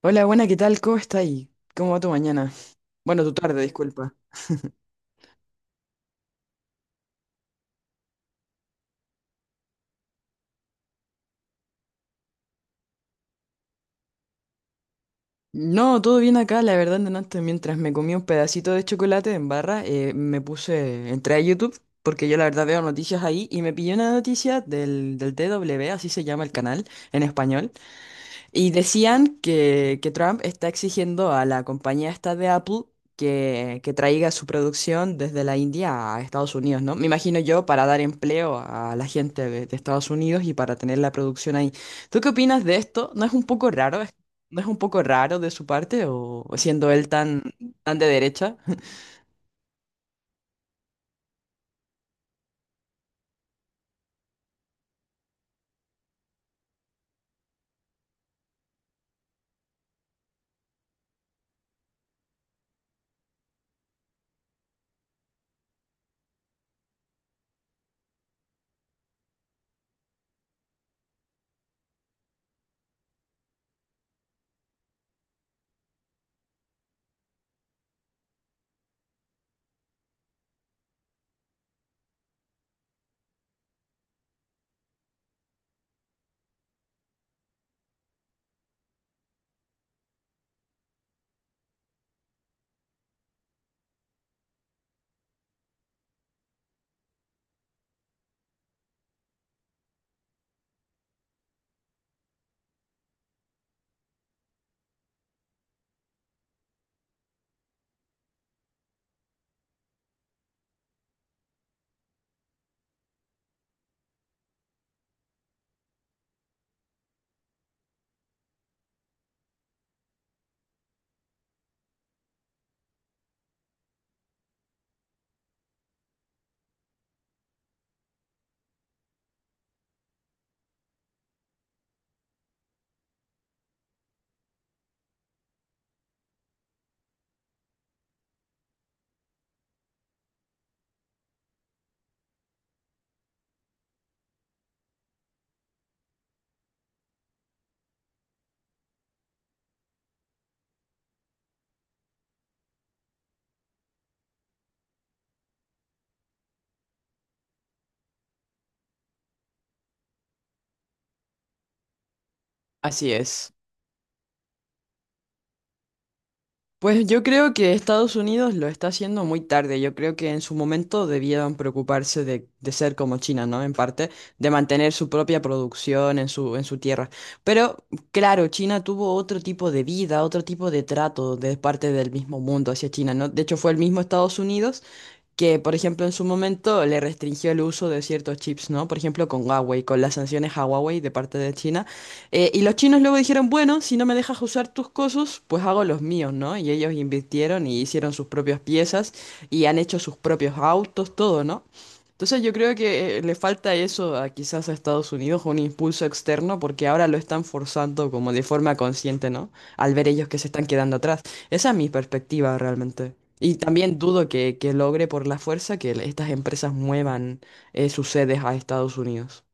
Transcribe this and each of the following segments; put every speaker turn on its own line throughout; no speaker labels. Hola, buena, ¿qué tal? ¿Cómo está ahí? ¿Cómo va tu mañana? Bueno, tu tarde, disculpa. No, todo bien acá, la verdad, antes mientras me comí un pedacito de chocolate en barra, me puse, entré a YouTube, porque yo la verdad veo noticias ahí, y me pillé una noticia del TW, así se llama el canal en español. Y decían que Trump está exigiendo a la compañía esta de Apple que traiga su producción desde la India a Estados Unidos, ¿no? Me imagino yo para dar empleo a la gente de Estados Unidos y para tener la producción ahí. ¿Tú qué opinas de esto? ¿No es un poco raro? ¿No es un poco raro de su parte o siendo él tan, tan de derecha? Así es. Pues yo creo que Estados Unidos lo está haciendo muy tarde. Yo creo que en su momento debieron preocuparse de ser como China, ¿no? En parte, de mantener su propia producción en su tierra. Pero claro, China tuvo otro tipo de vida, otro tipo de trato de parte del mismo mundo hacia China, ¿no? De hecho, fue el mismo Estados Unidos que, por ejemplo, en su momento le restringió el uso de ciertos chips, ¿no? Por ejemplo, con Huawei, con las sanciones a Huawei de parte de China. Y los chinos luego dijeron, bueno, si no me dejas usar tus cosas, pues hago los míos, ¿no? Y ellos invirtieron y hicieron sus propias piezas y han hecho sus propios autos, todo, ¿no? Entonces yo creo que le falta eso a quizás a Estados Unidos, un impulso externo, porque ahora lo están forzando como de forma consciente, ¿no? Al ver ellos que se están quedando atrás. Esa es mi perspectiva realmente. Y también dudo que logre por la fuerza que estas empresas muevan sus sedes a Estados Unidos.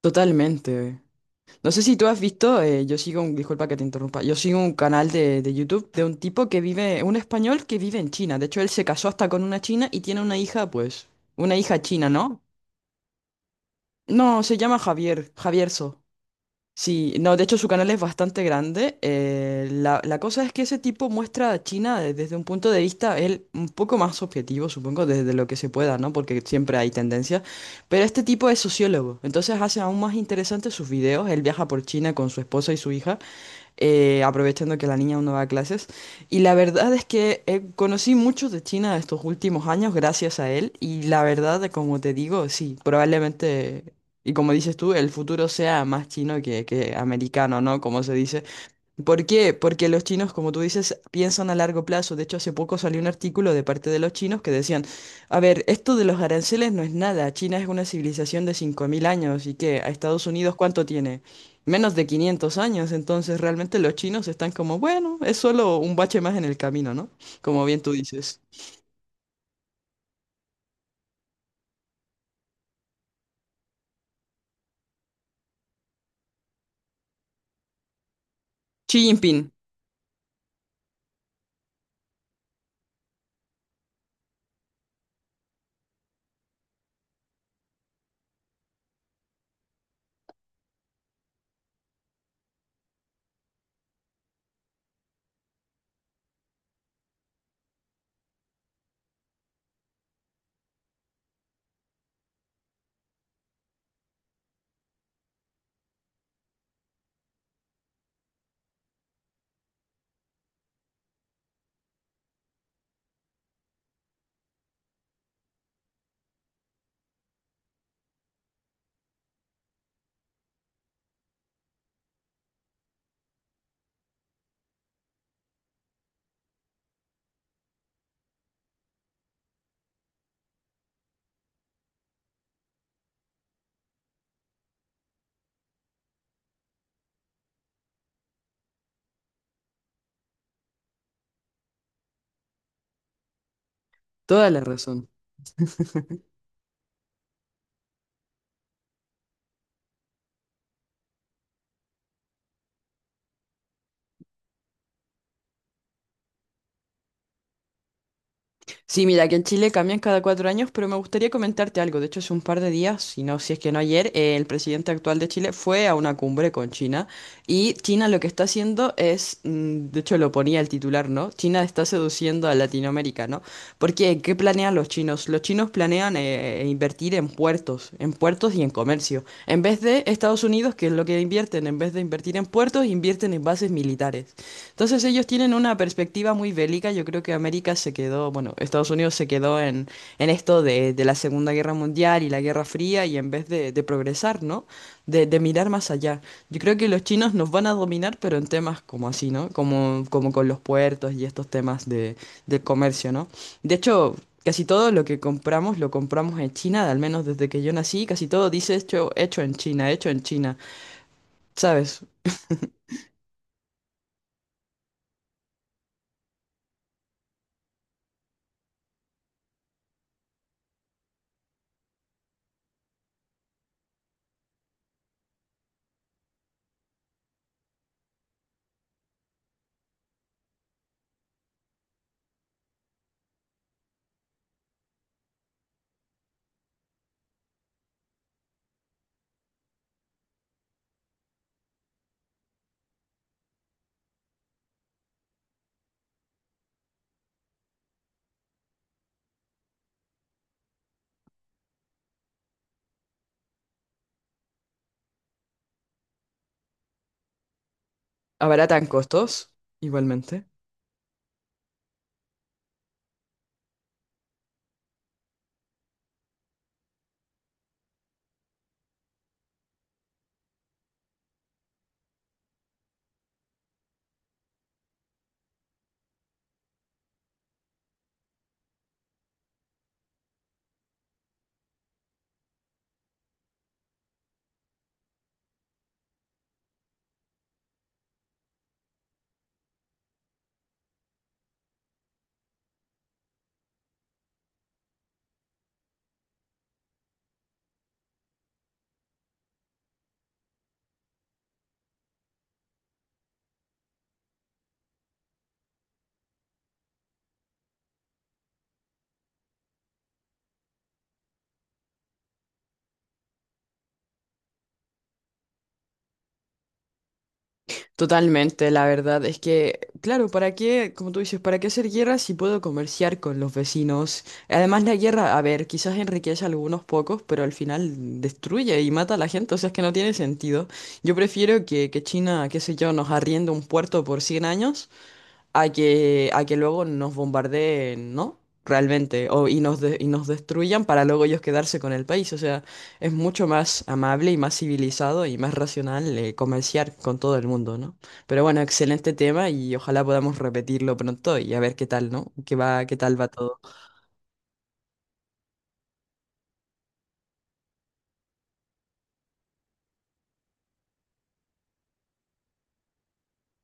Totalmente. No sé si tú has visto, yo sigo un, disculpa que te interrumpa, yo sigo un canal de YouTube de un tipo que vive, un español que vive en China. De hecho, él se casó hasta con una china y tiene una hija, pues, una hija china, ¿no? No, se llama Javier, Javierso. Sí, no, de hecho su canal es bastante grande. La cosa es que ese tipo muestra a China desde un punto de vista, él un poco más objetivo, supongo, desde lo que se pueda, ¿no? Porque siempre hay tendencias. Pero este tipo es sociólogo, entonces hace aún más interesantes sus videos. Él viaja por China con su esposa y su hija aprovechando que la niña aún no va a clases. Y la verdad es que conocí mucho de China estos últimos años gracias a él. Y la verdad, como te digo, sí, probablemente, y como dices tú, el futuro sea más chino que americano, ¿no? Como se dice. ¿Por qué? Porque los chinos, como tú dices, piensan a largo plazo. De hecho, hace poco salió un artículo de parte de los chinos que decían, a ver, esto de los aranceles no es nada. China es una civilización de 5.000 años y que a Estados Unidos, ¿cuánto tiene? Menos de 500 años. Entonces, realmente los chinos están como, bueno, es solo un bache más en el camino, ¿no? Como bien tú dices. Xi Jinping, toda la razón. Sí, mira, que en Chile cambian cada 4 años, pero me gustaría comentarte algo. De hecho, hace un par de días, si no, si es que no ayer, el presidente actual de Chile fue a una cumbre con China y China lo que está haciendo es, mm, de hecho lo ponía el titular, ¿no? China está seduciendo a Latinoamérica, ¿no? Porque, ¿qué planean los chinos? Los chinos planean invertir en puertos y en comercio. En vez de Estados Unidos, que es lo que invierten, en vez de invertir en puertos, invierten en bases militares. Entonces ellos tienen una perspectiva muy bélica. Yo creo que América se quedó, bueno, Estados Unidos se quedó en esto de la Segunda Guerra Mundial y la Guerra Fría y en vez de progresar, ¿no? De mirar más allá. Yo creo que los chinos nos van a dominar, pero en temas como así, ¿no? Como, como con los puertos y estos temas de, del comercio, ¿no? De hecho, casi todo lo que compramos lo compramos en China, al menos desde que yo nací, casi todo dice hecho, hecho en China, hecho en China. ¿Sabes? Abaratan costos, igualmente. Totalmente, la verdad es que, claro, ¿para qué, como tú dices, para qué hacer guerra si puedo comerciar con los vecinos? Además, la guerra, a ver, quizás enriquece a algunos pocos, pero al final destruye y mata a la gente, o sea, es que no tiene sentido. Yo prefiero que China, qué sé yo, nos arriende un puerto por 100 años a que luego nos bombardeen, ¿no? Realmente, o, y nos destruyan para luego ellos quedarse con el país. O sea, es mucho más amable y más civilizado y más racional comerciar con todo el mundo, ¿no? Pero bueno, excelente tema y ojalá podamos repetirlo pronto y a ver qué tal, ¿no? ¿Qué va, qué tal va todo?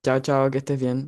Chao, chao, que estés bien.